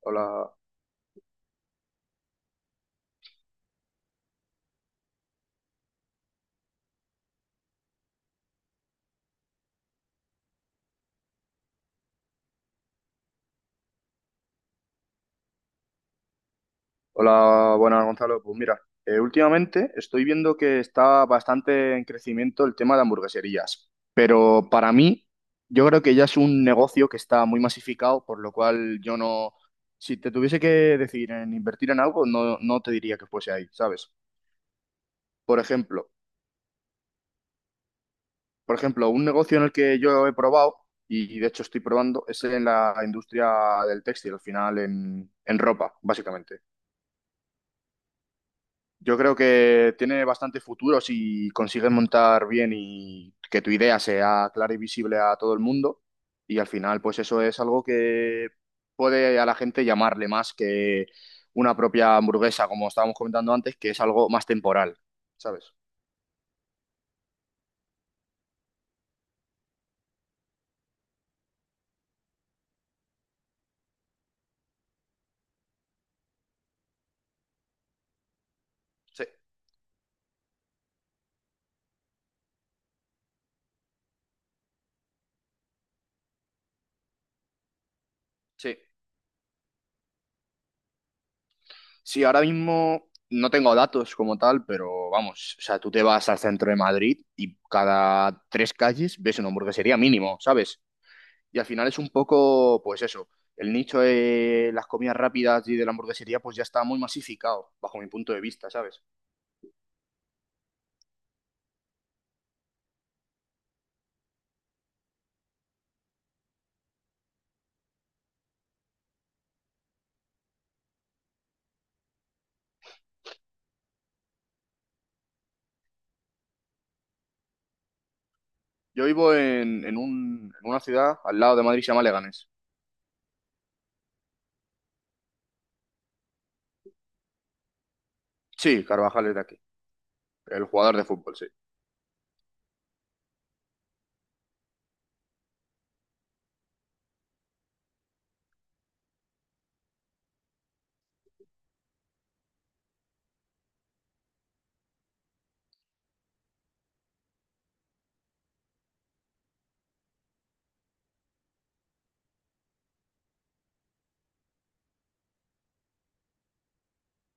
Hola, hola, buenas Gonzalo. Pues mira, últimamente estoy viendo que está bastante en crecimiento el tema de hamburgueserías, pero para mí yo creo que ya es un negocio que está muy masificado, por lo cual yo no, si te tuviese que decidir en invertir en algo, no, no te diría que fuese ahí, ¿sabes? Por ejemplo, por ejemplo, un negocio en el que yo he probado y de hecho estoy probando es en la industria del textil, al final en ropa, básicamente. Yo creo que tiene bastante futuro si consigues montar bien y que tu idea sea clara y visible a todo el mundo. Y al final, pues eso es algo que puede a la gente llamarle más que una propia hamburguesa, como estábamos comentando antes, que es algo más temporal, ¿sabes? Sí, sí. Sí, ahora mismo no tengo datos como tal, pero vamos, o sea, tú te vas al centro de Madrid y cada tres calles ves una hamburguesería mínimo, ¿sabes? Y al final es un poco, pues eso, el nicho de las comidas rápidas y de la hamburguesería pues ya está muy masificado, bajo mi punto de vista, ¿sabes? Yo vivo en una ciudad al lado de Madrid, se llama Leganés. Sí, Carvajal es de aquí, el jugador de fútbol, sí.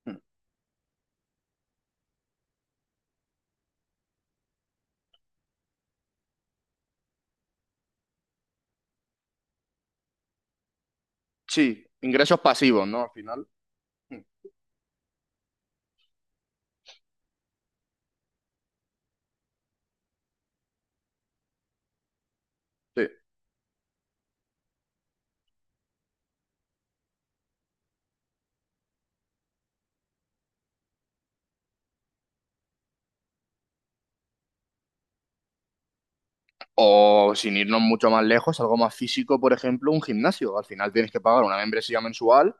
Mm. Sí, ingresos pasivos, ¿no? Al final. Mm. Sí. O sin irnos mucho más lejos, algo más físico, por ejemplo, un gimnasio. Al final tienes que pagar una membresía mensual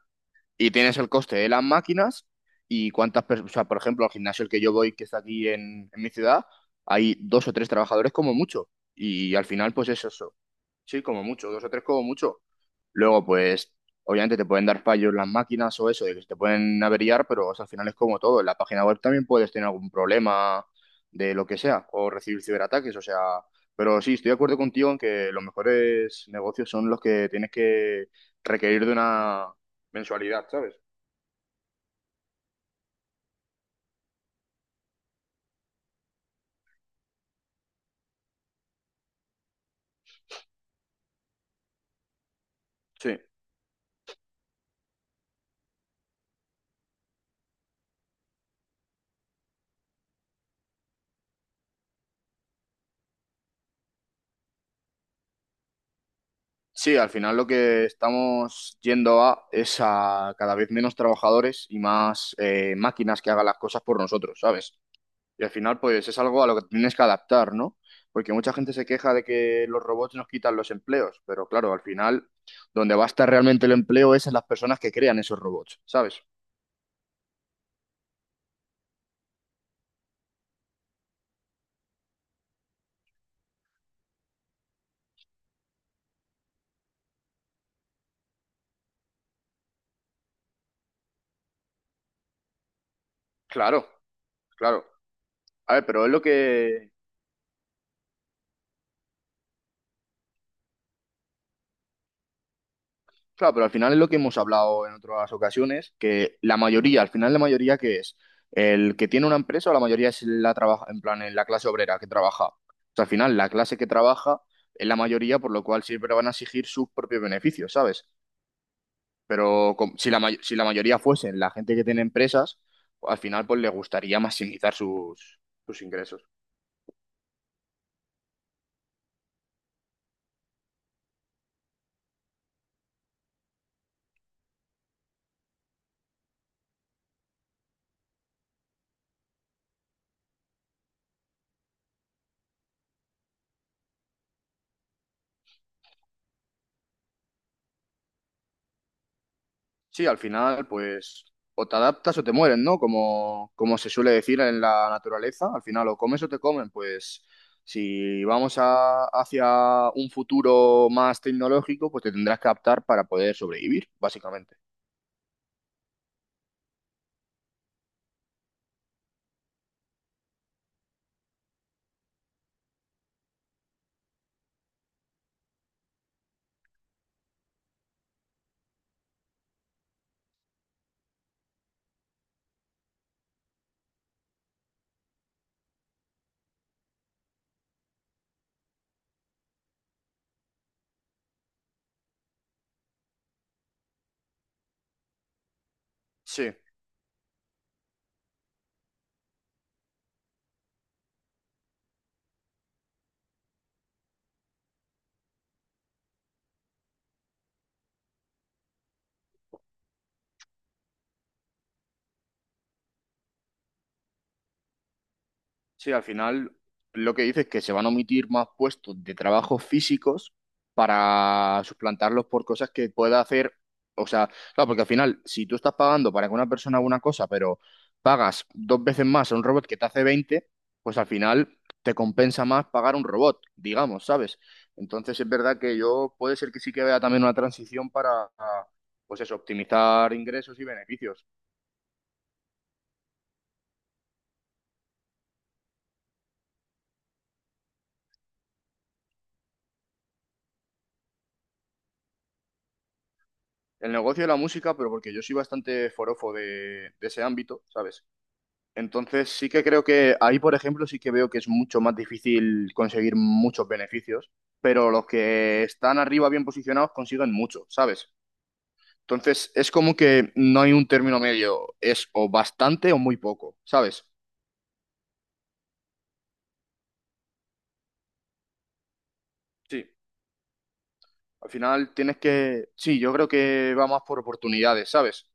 y tienes el coste de las máquinas y cuántas personas, o sea, por ejemplo, al gimnasio el que yo voy, que está aquí en mi ciudad, hay dos o tres trabajadores como mucho. Y al final, pues es eso. Sí, como mucho, dos o tres como mucho. Luego, pues, obviamente te pueden dar fallos las máquinas o eso, de que se te pueden averiar, pero o sea, al final es como todo. En la página web también puedes tener algún problema de lo que sea, o recibir ciberataques, o sea. Pero sí, estoy de acuerdo contigo en que los mejores negocios son los que tienes que requerir de una mensualidad, ¿sabes? Sí, sí, al final lo que estamos yendo a es a cada vez menos trabajadores y más máquinas que hagan las cosas por nosotros, ¿sabes? Y al final, pues es algo a lo que tienes que adaptar, ¿no? Porque mucha gente se queja de que los robots nos quitan los empleos, pero claro, al final, donde va a estar realmente el empleo es en las personas que crean esos robots, ¿sabes? Claro, claro. A ver, pero es lo que claro, pero al final es lo que hemos hablado en otras ocasiones, que la mayoría, al final la mayoría que es el que tiene una empresa o la mayoría es la trabaja, en plan, en la clase obrera que trabaja. O sea, al final la clase que trabaja es la mayoría, por lo cual siempre van a exigir sus propios beneficios, ¿sabes? Si la mayoría fuesen la gente que tiene empresas, al final pues le gustaría maximizar sus, sus ingresos. Sí, al final, pues, o te adaptas o te mueren, ¿no? Como, como se suele decir en la naturaleza, al final o comes o te comen, pues, si hacia un futuro más tecnológico, pues te tendrás que adaptar para poder sobrevivir, básicamente. Sí. Sí, al final lo que dice es que se van a omitir más puestos de trabajo físicos para suplantarlos por cosas que pueda hacer. O sea, claro, porque al final, si tú estás pagando para que una persona haga una cosa, pero pagas dos veces más a un robot que te hace 20, pues al final te compensa más pagar un robot, digamos, ¿sabes? Entonces es verdad que yo puede ser que sí que vea también una transición para, pues eso, optimizar ingresos y beneficios. El negocio de la música, pero porque yo soy bastante forofo de ese ámbito, ¿sabes? Entonces sí que creo que ahí, por ejemplo, sí que veo que es mucho más difícil conseguir muchos beneficios, pero los que están arriba bien posicionados consiguen mucho, ¿sabes? Entonces es como que no hay un término medio, es o bastante o muy poco, ¿sabes? Sí, al final tienes que, sí, yo creo que va más por oportunidades, ¿sabes?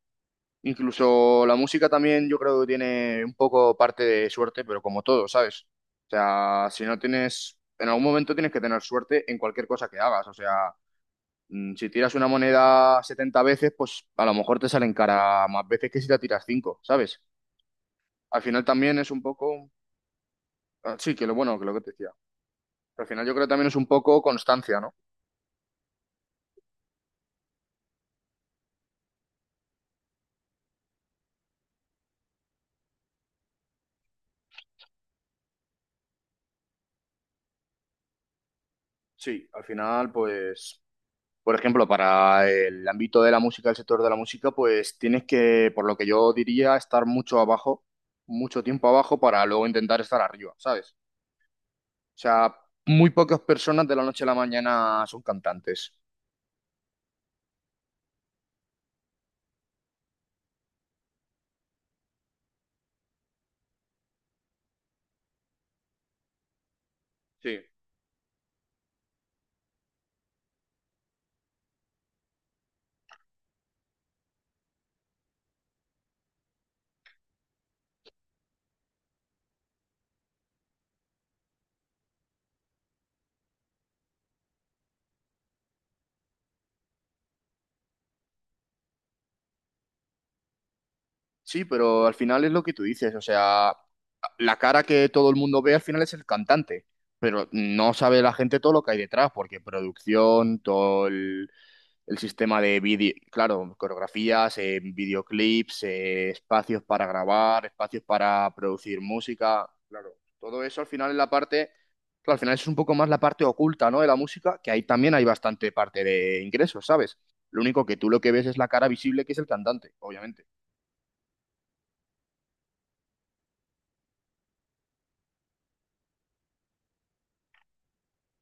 Incluso la música también yo creo que tiene un poco parte de suerte, pero como todo, ¿sabes? O sea, si no tienes, en algún momento tienes que tener suerte en cualquier cosa que hagas. O sea, si tiras una moneda 70 veces, pues a lo mejor te salen cara más veces que si la tiras cinco, ¿sabes? Al final también es un poco, ah, sí, que lo bueno, que lo que te decía. Al final yo creo que también es un poco constancia, ¿no? Sí, al final pues por ejemplo, para el ámbito de la música, el sector de la música, pues tienes que, por lo que yo diría, estar mucho abajo, mucho tiempo abajo para luego intentar estar arriba, ¿sabes? O sea, muy pocas personas de la noche a la mañana son cantantes. Sí. Sí, pero al final es lo que tú dices, o sea, la cara que todo el mundo ve al final es el cantante, pero no sabe la gente todo lo que hay detrás, porque producción, todo el sistema de vídeo, claro, coreografías, videoclips, espacios para grabar, espacios para producir música, claro, todo eso al final es la parte, claro, al final es un poco más la parte oculta, ¿no? De la música, que ahí también hay bastante parte de ingresos, ¿sabes? Lo único que tú lo que ves es la cara visible que es el cantante, obviamente.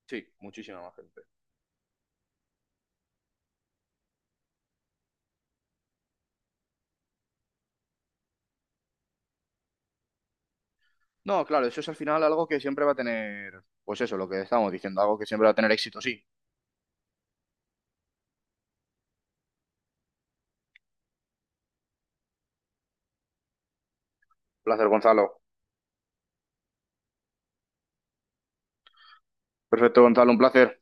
Sí, muchísima más gente. No, claro, eso es al final algo que siempre va a tener, pues eso, lo que estábamos diciendo, algo que siempre va a tener éxito, sí. Placer, Gonzalo. Perfecto, Gonzalo, un placer.